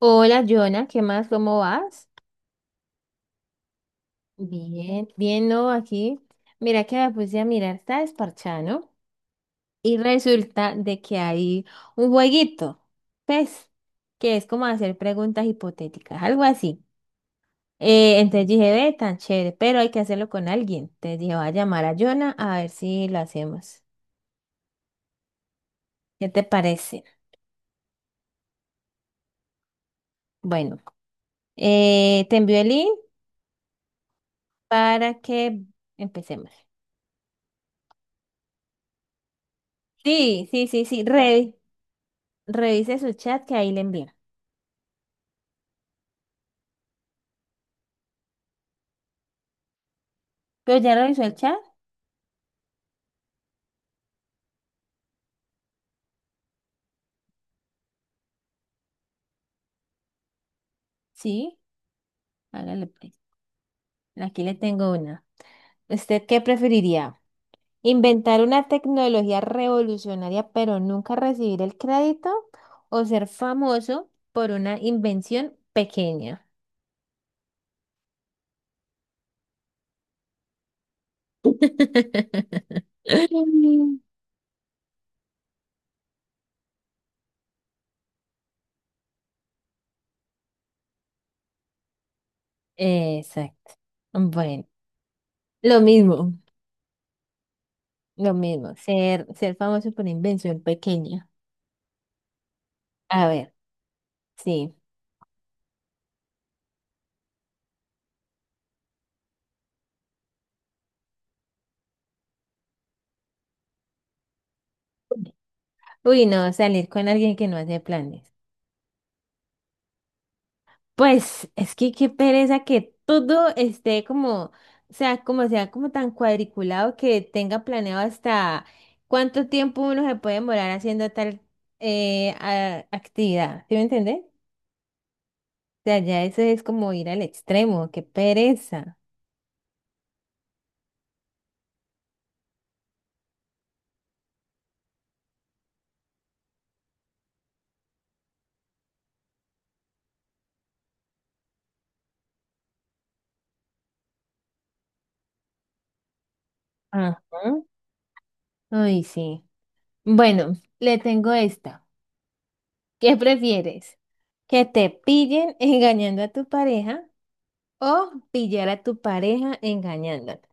Hola, Jonah, ¿qué más? ¿Cómo vas? Bien, bien, no, aquí. Mira que me puse a mirar, está desparchado, ¿no? Y resulta de que hay un jueguito, pues, que es como hacer preguntas hipotéticas, algo así. Entonces dije, ve, tan chévere, pero hay que hacerlo con alguien. Entonces dije, voy a llamar a Jonah a ver si lo hacemos. ¿Qué te parece? Bueno, te envío el link para que empecemos. Sí, sí, sí, sí, revise su chat que ahí le envié. ¿Pero ya revisó el chat? Sí, hágale pues. Aquí le tengo una. ¿Usted qué preferiría? ¿Inventar una tecnología revolucionaria pero nunca recibir el crédito? ¿O ser famoso por una invención pequeña? Exacto. Bueno, lo mismo, lo mismo. Ser, ser famoso por invención pequeña. A ver, sí. Uy, no, salir con alguien que no hace planes. Pues es que qué pereza que todo esté como, o sea como tan cuadriculado que tenga planeado hasta cuánto tiempo uno se puede demorar haciendo tal actividad. ¿Sí me entiendes? O sea, ya eso es como ir al extremo, qué pereza. Ajá. Ay, sí. Bueno, le tengo esta. ¿Qué prefieres? ¿Que te pillen engañando a tu pareja o pillar a tu pareja engañándote?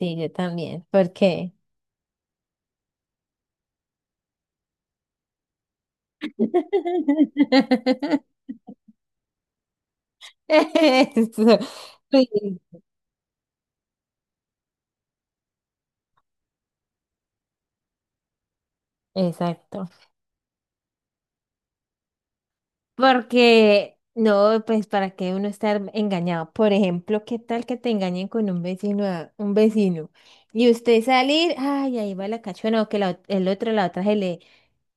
Sí, yo también. ¿Por qué? Eso, sí, exacto. Porque, no, pues para qué uno estar engañado. Por ejemplo, ¿qué tal que te engañen con un vecino, un vecino? Y usted salir, ay, ahí va la cachona, o que la el otro, la otra se le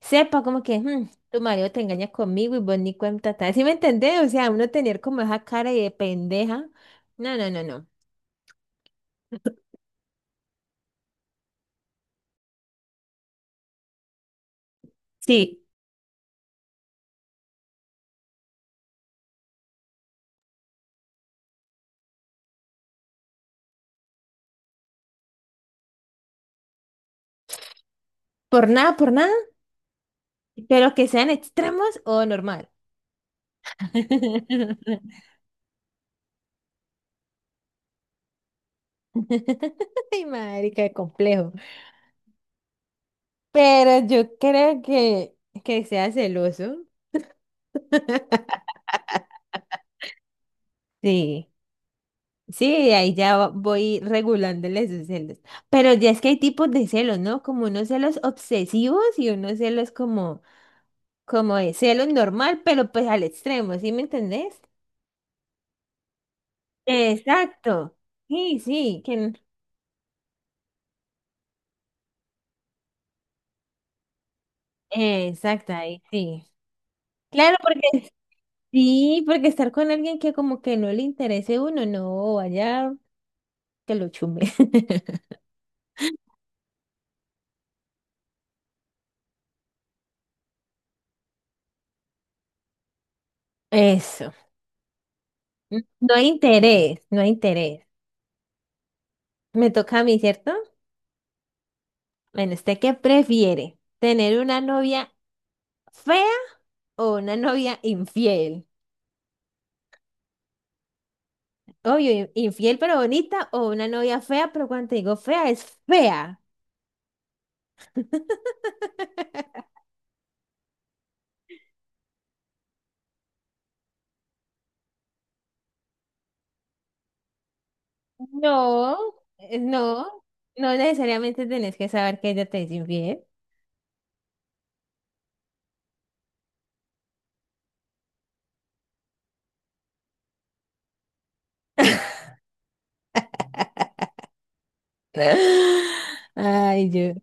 sepa como que, "Mm, tu marido te engaña conmigo y vos ni cuenta te das". ¿Sí me entendés? O sea, uno tener como esa cara de pendeja. No, no, no, no. Sí, por nada, pero que sean extremos o normal. Ay, marica qué complejo. Pero yo creo que sea celoso. Sí, sí, voy regulándole sus celos. Pero ya es que hay tipos de celos, ¿no? Como unos celos obsesivos y unos celos como, como de celos normal, pero pues al extremo, ¿sí me entendés? Exacto. Sí, sí, exacto, ahí sí. Claro, porque sí, porque estar con alguien que como que no le interese a uno, no, vaya. Que lo chumbe. Eso. No hay interés, no hay interés. Me toca a mí, ¿cierto? Bueno, ¿usted qué prefiere? ¿Tener una novia fea o una novia infiel? Obvio, infiel pero bonita o una novia fea, pero cuando te digo fea es fea. No, no, no necesariamente tenés que saber que ella te es infiel. Ay, yo.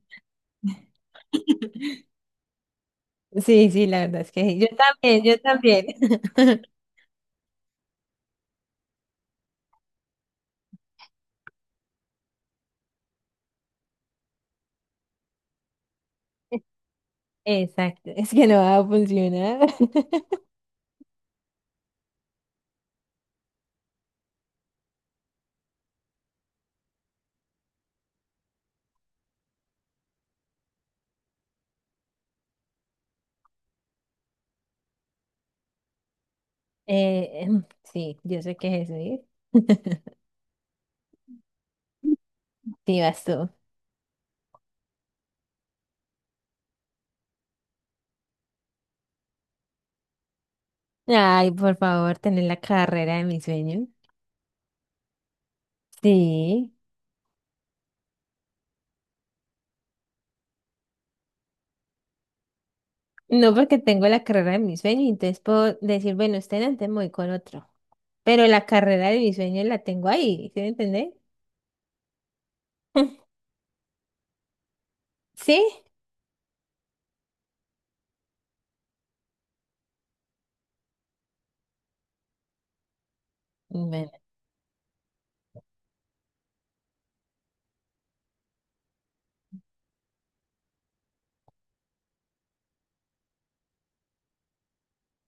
Sí, sí, la verdad es que sí. Yo también, yo también. Exacto, es que no va a funcionar. Eh, em, sí, yo sé que es eso, ¿eh? Sí, vas tú. Ay, por favor, tener la carrera de mi sueño. Sí, no porque tengo la carrera de mi sueño, entonces puedo decir, bueno, usted antes me voy con otro, pero la carrera de mi sueño la tengo ahí, ¿sí me entendés? ¿Sí? Bueno,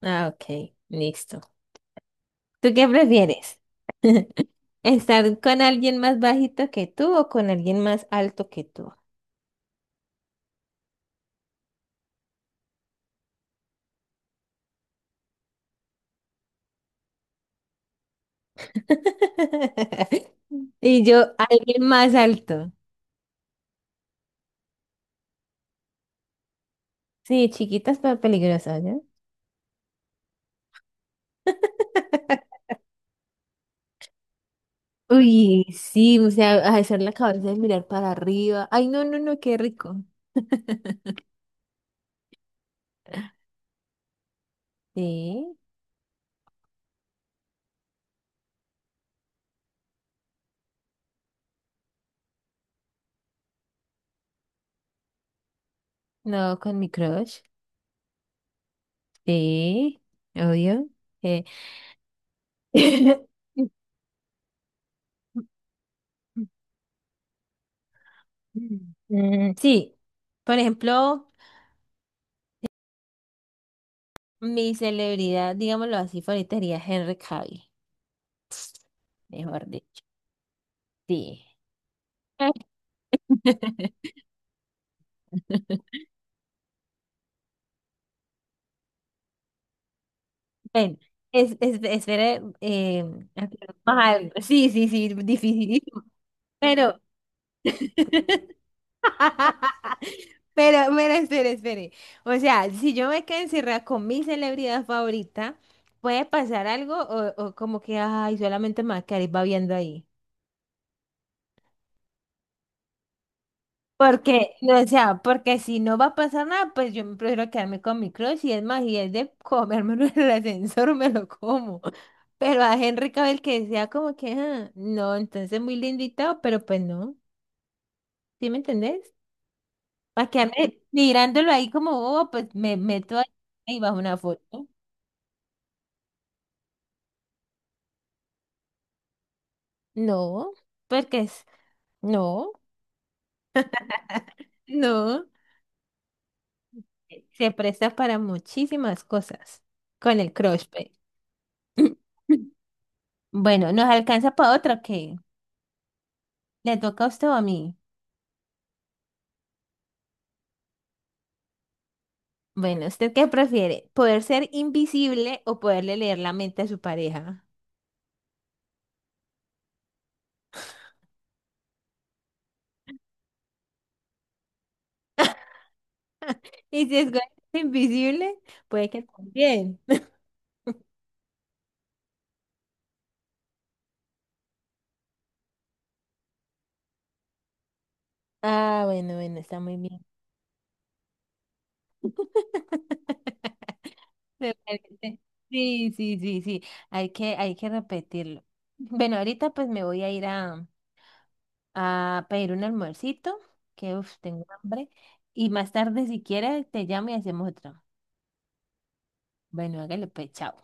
ah, ok, listo. ¿Tú qué prefieres? ¿Estar con alguien más bajito que tú o con alguien más alto que tú? Y yo, alguien más alto. Sí, chiquitas pero peligrosas, ¿no? Uy, sí, o sea, hacer la cabeza y mirar para arriba. Ay, no, no, no, qué rico. Sí, no, con mi crush. Sí, obvio. Eh, Mm, sí, por ejemplo, mi celebridad, digámoslo así, favorita sería Henry Cavill, mejor dicho. Sí. Ven, espere, más algo. Sí, sí, sí, dificilísimo, pero, pero, espere, espere. O sea, si yo me quedo encerrada con mi celebridad favorita, ¿puede pasar algo o como que, ay, solamente me va a quedar babeando ahí? Porque, no, o sea, porque si no va a pasar nada, pues yo me prefiero quedarme con mi crush y es más, y es de comérmelo en el ascensor, me lo como. Pero a Henry Cavill que sea como que, ah, no, entonces muy lindo y todo, pero pues no, ¿sí me entendés? Para quedarme mirándolo ahí como bobo, pues me meto ahí y bajo una foto. No, porque es, no, no, se presta para muchísimas cosas con el crush, pues. Bueno, ¿nos alcanza para otra o qué? ¿Le toca a usted o a mí? Bueno, ¿usted qué prefiere? ¿Poder ser invisible o poderle leer la mente a su pareja? Y si es invisible, puede que también. Ah, bueno, bueno, está muy bien. Me parece. Sí, sí, sí, sí. Hay que repetirlo. Bueno, ahorita pues me voy a ir a pedir un almuercito, que uf, tengo hambre. Y más tarde, si quieres, te llamo y hacemos otro. Bueno, hágale pues, chao.